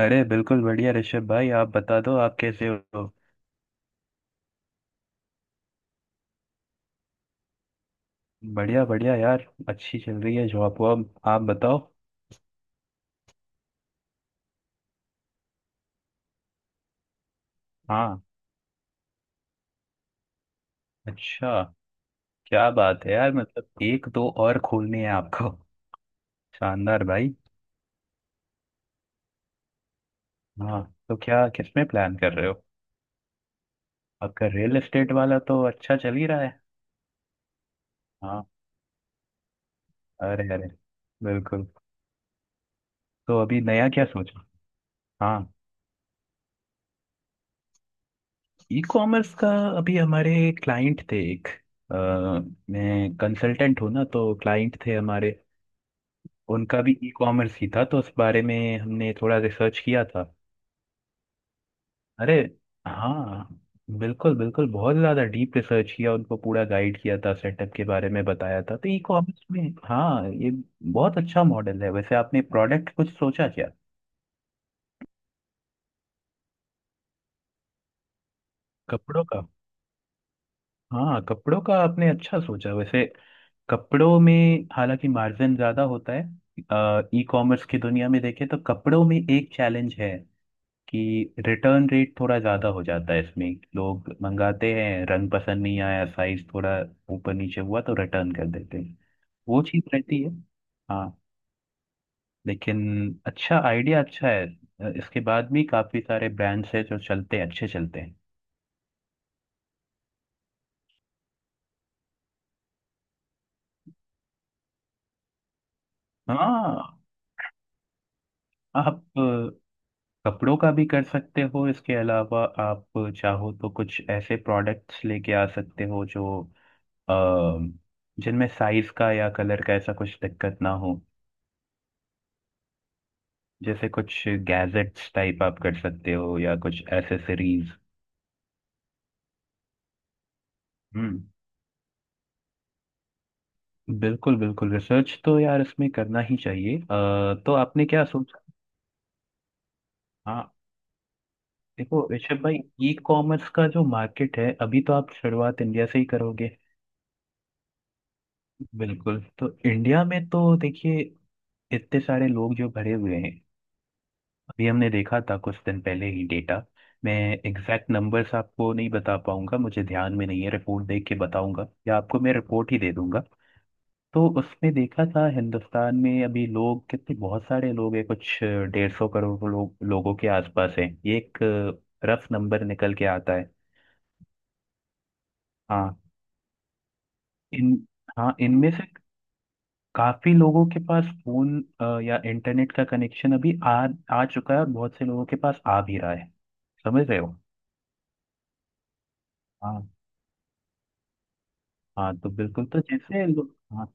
अरे बिल्कुल बढ़िया ऋषभ भाई, आप बता दो आप कैसे हो। बढ़िया बढ़िया यार, अच्छी चल रही है जॉब वॉब। आप बताओ। हाँ। अच्छा। क्या बात है यार, मतलब एक दो और खोलनी है आपको? शानदार भाई। हाँ। तो क्या, किसमें प्लान कर रहे हो? आपका रियल एस्टेट वाला तो अच्छा चल ही रहा है। हाँ। अरे अरे। बिल्कुल। तो अभी नया क्या सोचा? हाँ। ई कॉमर्स का। अभी हमारे क्लाइंट थे एक। अ, मैं कंसल्टेंट हूँ ना, तो क्लाइंट थे हमारे। उनका भी ई कॉमर्स ही था, तो उस बारे में हमने थोड़ा रिसर्च किया था। अरे हाँ। बिल्कुल बिल्कुल, बहुत ज़्यादा डीप रिसर्च किया, उनको पूरा गाइड किया था, सेटअप के बारे में बताया था। तो ई कॉमर्स में हाँ, ये बहुत अच्छा मॉडल है। वैसे आपने प्रोडक्ट कुछ सोचा क्या? कपड़ों का? हाँ, कपड़ों का आपने अच्छा सोचा वैसे। कपड़ों में हालांकि मार्जिन ज़्यादा होता है। ई कॉमर्स की दुनिया में देखें तो कपड़ों में एक चैलेंज है कि रिटर्न रेट थोड़ा ज़्यादा हो जाता है इसमें। लोग मंगाते हैं, रंग पसंद नहीं आया, साइज थोड़ा ऊपर नीचे हुआ तो रिटर्न कर देते हैं। वो चीज़ रहती है। हाँ। लेकिन अच्छा, आइडिया अच्छा है। इसके बाद भी काफ़ी सारे ब्रांड्स हैं जो चलते हैं, अच्छे चलते हैं। हाँ। आप कपड़ों का भी कर सकते हो। इसके अलावा आप चाहो तो कुछ ऐसे प्रोडक्ट्स लेके आ सकते हो जो अ, जिनमें साइज का या कलर का ऐसा कुछ दिक्कत ना हो। जैसे कुछ गैजेट्स टाइप आप कर सकते हो, या कुछ एसेसरीज। हम्म। बिल्कुल बिल्कुल, रिसर्च तो यार इसमें करना ही चाहिए। तो आपने क्या सोचा? हाँ देखो ऋषभ भाई, ई कॉमर्स का जो मार्केट है अभी, तो आप शुरुआत इंडिया से ही करोगे। बिल्कुल, तो इंडिया में तो देखिए, इतने सारे लोग जो भरे हुए हैं। अभी हमने देखा था कुछ दिन पहले ही डेटा। मैं एग्जैक्ट नंबर्स आपको नहीं बता पाऊंगा, मुझे ध्यान में नहीं है, रिपोर्ट देख के बताऊंगा या आपको मैं रिपोर्ट ही दे दूंगा। तो उसने देखा था, हिंदुस्तान में अभी लोग कितने, बहुत सारे लोग हैं, कुछ 150 करोड़ लोग, लोगों के आसपास हैं। ये एक रफ नंबर निकल के आता है। हाँ। इन। हाँ, इनमें से काफी लोगों के पास फोन या इंटरनेट का कनेक्शन अभी आ आ चुका है, और बहुत से लोगों के पास आ भी रहा है। समझ रहे हो? हाँ हाँ, तो बिल्कुल, हाँ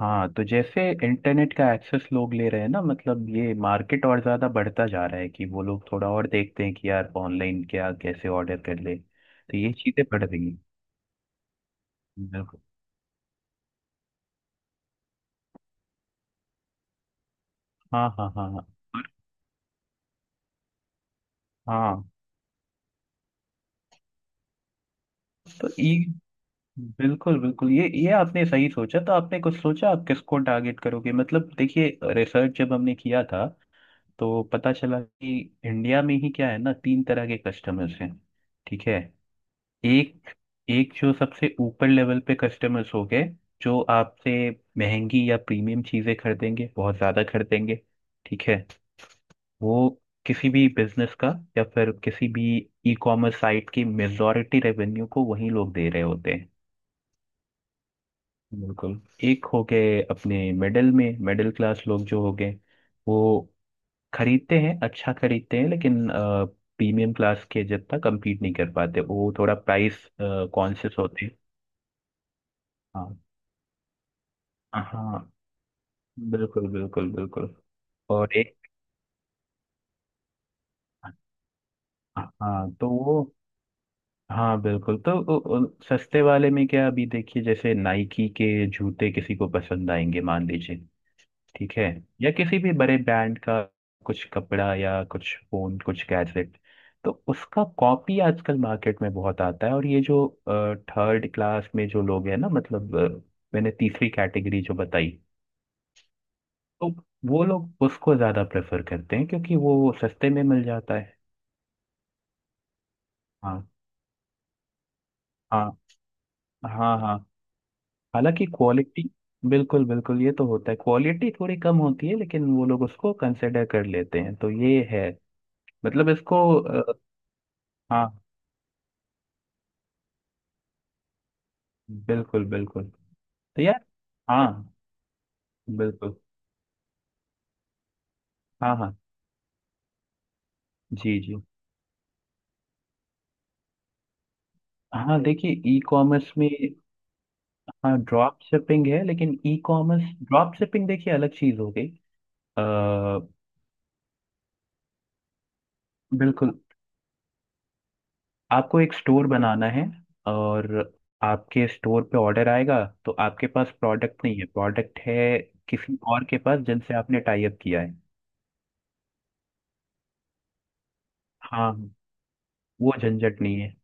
हाँ, तो जैसे इंटरनेट का एक्सेस लोग ले रहे हैं ना, मतलब ये मार्केट और ज़्यादा बढ़ता जा रहा है कि वो लोग थोड़ा और देखते हैं कि यार ऑनलाइन क्या, कैसे ऑर्डर कर ले, तो ये चीज़ें बढ़ रही हैं। बिल्कुल। हाँ हाँ हाँ हाँ। हाँ, तो ये बिल्कुल बिल्कुल, ये आपने सही सोचा। तो आपने कुछ सोचा आप किसको टारगेट करोगे? मतलब देखिए, रिसर्च जब हमने किया था तो पता चला कि इंडिया में ही क्या है ना, तीन तरह के कस्टमर्स हैं। ठीक है? एक, एक जो सबसे ऊपर लेवल पे कस्टमर्स हो गए, जो आपसे महंगी या प्रीमियम चीजें खरीदेंगे, बहुत ज्यादा खरीदेंगे। ठीक है? वो किसी भी बिजनेस का, या फिर किसी भी ई कॉमर्स साइट की मेजॉरिटी रेवेन्यू को वही लोग दे रहे होते हैं। बिल्कुल। एक हो गए अपने मिडिल में, मिडिल क्लास लोग जो हो गए, वो खरीदते हैं, अच्छा खरीदते हैं, लेकिन प्रीमियम क्लास के जितना compete नहीं कर पाते। वो थोड़ा प्राइस कॉन्शियस होते हैं। हाँ हाँ। बिल्कुल बिल्कुल बिल्कुल। और एक। हाँ तो वो। हाँ बिल्कुल। सस्ते वाले में क्या, अभी देखिए जैसे नाइकी के जूते किसी को पसंद आएंगे मान लीजिए। ठीक है? या किसी भी बड़े ब्रांड का कुछ कपड़ा या कुछ फोन, कुछ गैजेट, तो उसका कॉपी आजकल मार्केट में बहुत आता है। और ये जो थर्ड क्लास में जो लोग हैं ना, मतलब मैंने तीसरी कैटेगरी जो बताई, तो वो लोग उसको ज्यादा प्रेफर करते हैं क्योंकि वो सस्ते में मिल जाता है। हाँ हाँ हाँ हाँ। हालांकि क्वालिटी। बिल्कुल बिल्कुल, ये तो होता है क्वालिटी थोड़ी कम होती है लेकिन वो लोग उसको कंसिडर कर लेते हैं। तो ये है मतलब इसको हाँ बिल्कुल बिल्कुल। तो यार हाँ बिल्कुल। हाँ हाँ जी जी। हाँ देखिए ई कॉमर्स में। हाँ ड्रॉप शिपिंग है, लेकिन ई कॉमर्स ड्रॉप शिपिंग देखिए अलग चीज हो गई। अ, बिल्कुल। आपको एक स्टोर बनाना है, और आपके स्टोर पे ऑर्डर आएगा तो आपके पास प्रोडक्ट नहीं है, प्रोडक्ट है किसी और के पास जिनसे आपने टाई अप किया है। हाँ, वो झंझट नहीं है।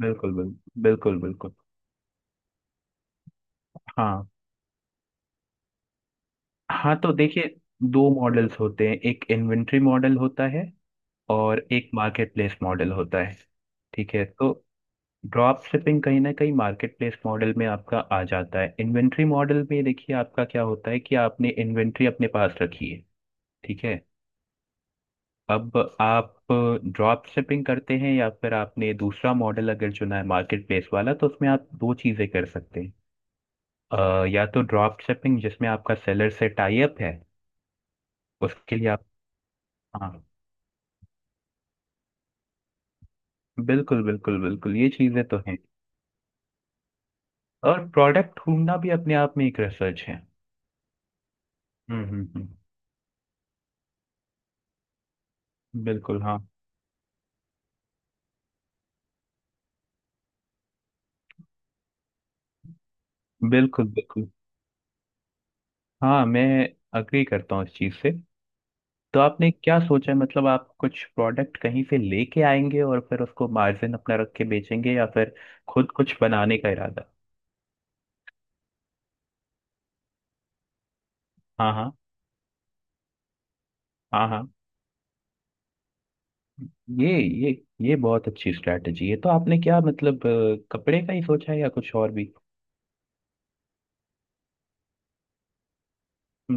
बिल्कुल बिल्कुल बिल्कुल बिल्कुल। हाँ हाँ, तो देखिए दो मॉडल्स होते हैं। एक इन्वेंट्री मॉडल होता है, और एक मार्केट प्लेस मॉडल होता है। ठीक है? तो ड्रॉप शिपिंग कहीं ना कहीं मार्केट प्लेस मॉडल में आपका आ जाता है। इन्वेंट्री मॉडल में देखिए आपका क्या होता है कि आपने इन्वेंट्री अपने पास रखी है। ठीक है? अब आप ड्रॉप शिपिंग करते हैं, या फिर आपने दूसरा मॉडल अगर चुना है मार्केट प्लेस वाला, तो उसमें आप दो चीज़ें कर सकते हैं। या तो ड्रॉप शिपिंग जिसमें आपका सेलर से टाई अप है, उसके लिए आप। हाँ। बिल्कुल बिल्कुल बिल्कुल, ये चीज़ें तो हैं। और प्रोडक्ट ढूंढना भी अपने आप में एक रिसर्च है। हम्म। बिल्कुल। हाँ, बिल्कुल बिल्कुल। हाँ, मैं अग्री करता हूँ इस चीज़ से। तो आपने क्या सोचा है, मतलब आप कुछ प्रोडक्ट कहीं से लेके आएंगे और फिर उसको मार्जिन अपना रख के बेचेंगे, या फिर खुद कुछ बनाने का इरादा? हाँ हाँ हाँ हाँ। ये ये ये बहुत अच्छी स्ट्रैटेजी है। तो आपने क्या मतलब कपड़े का ही सोचा है या कुछ और भी?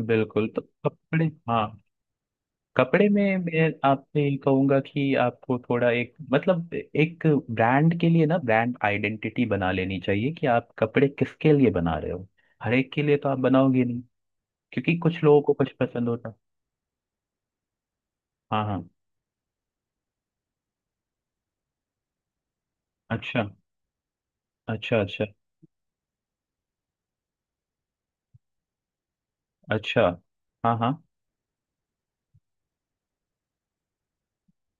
बिल्कुल तो कपड़े, हाँ। कपड़े में मैं आपसे ये कहूंगा कि आपको थोड़ा एक मतलब एक ब्रांड के लिए ना ब्रांड आइडेंटिटी बना लेनी चाहिए कि आप कपड़े किसके लिए बना रहे हो। हर एक के लिए तो आप बनाओगे, क्योंकि कुछ लोगों को कुछ पसंद होता। हाँ हाँ। अच्छा अच्छा। अच्छा अच्छा। हाँ हाँ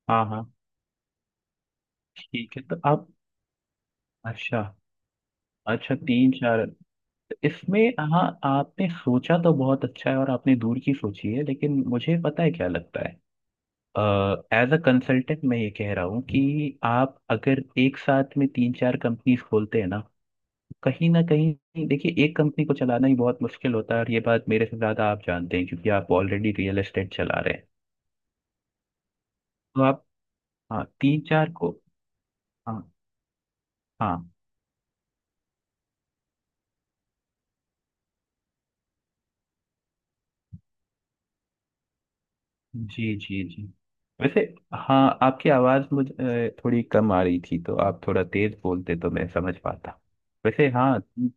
हाँ हाँ। ठीक है। तो आप। अच्छा अच्छा। तीन चार। तो इसमें हाँ, आपने सोचा तो बहुत अच्छा है और आपने दूर की सोची है, लेकिन मुझे पता है क्या लगता है। एज अ कंसल्टेंट मैं ये कह रहा हूँ कि आप अगर एक साथ में तीन चार कंपनीज खोलते हैं ना, कहीं ना कहीं देखिए एक कंपनी को चलाना ही बहुत मुश्किल होता है। और ये बात मेरे से ज्यादा आप जानते हैं, क्योंकि आप ऑलरेडी रियल एस्टेट चला रहे हैं। तो आप। हाँ तीन चार को। हाँ हाँ जी जी जी। वैसे हाँ, आपकी आवाज़ मुझे थोड़ी कम आ रही थी, तो आप थोड़ा तेज बोलते तो मैं समझ पाता। वैसे हाँ ती-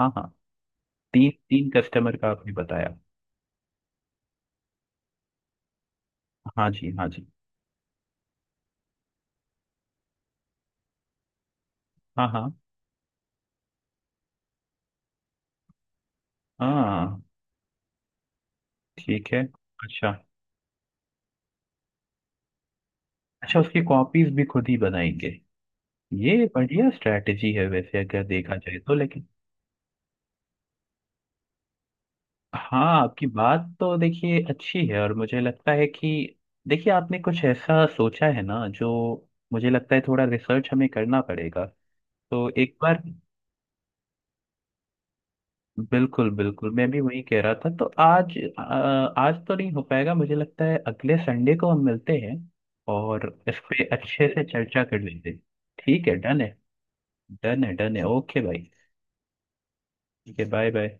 हाँ हाँ। तीन तीन कस्टमर का आपने बताया। हाँ जी हाँ जी। हाँ हाँ हाँ। ठीक है। अच्छा। अच्छा उसकी कॉपीज भी खुद ही बनाएंगे? ये बढ़िया स्ट्रैटेजी है वैसे अगर देखा जाए तो। लेकिन हाँ, आपकी बात तो देखिए अच्छी है, और मुझे लगता है कि देखिए आपने कुछ ऐसा सोचा है ना, जो मुझे लगता है थोड़ा रिसर्च हमें करना पड़ेगा। तो एक बार बिल्कुल बिल्कुल, मैं भी वही कह रहा था। तो आज आज तो नहीं हो पाएगा मुझे लगता है, अगले संडे को हम मिलते हैं और इस पे अच्छे से चर्चा कर लेते हैं। ठीक है। डन है डन है डन है। ओके भाई। ठीक है। Bye bye.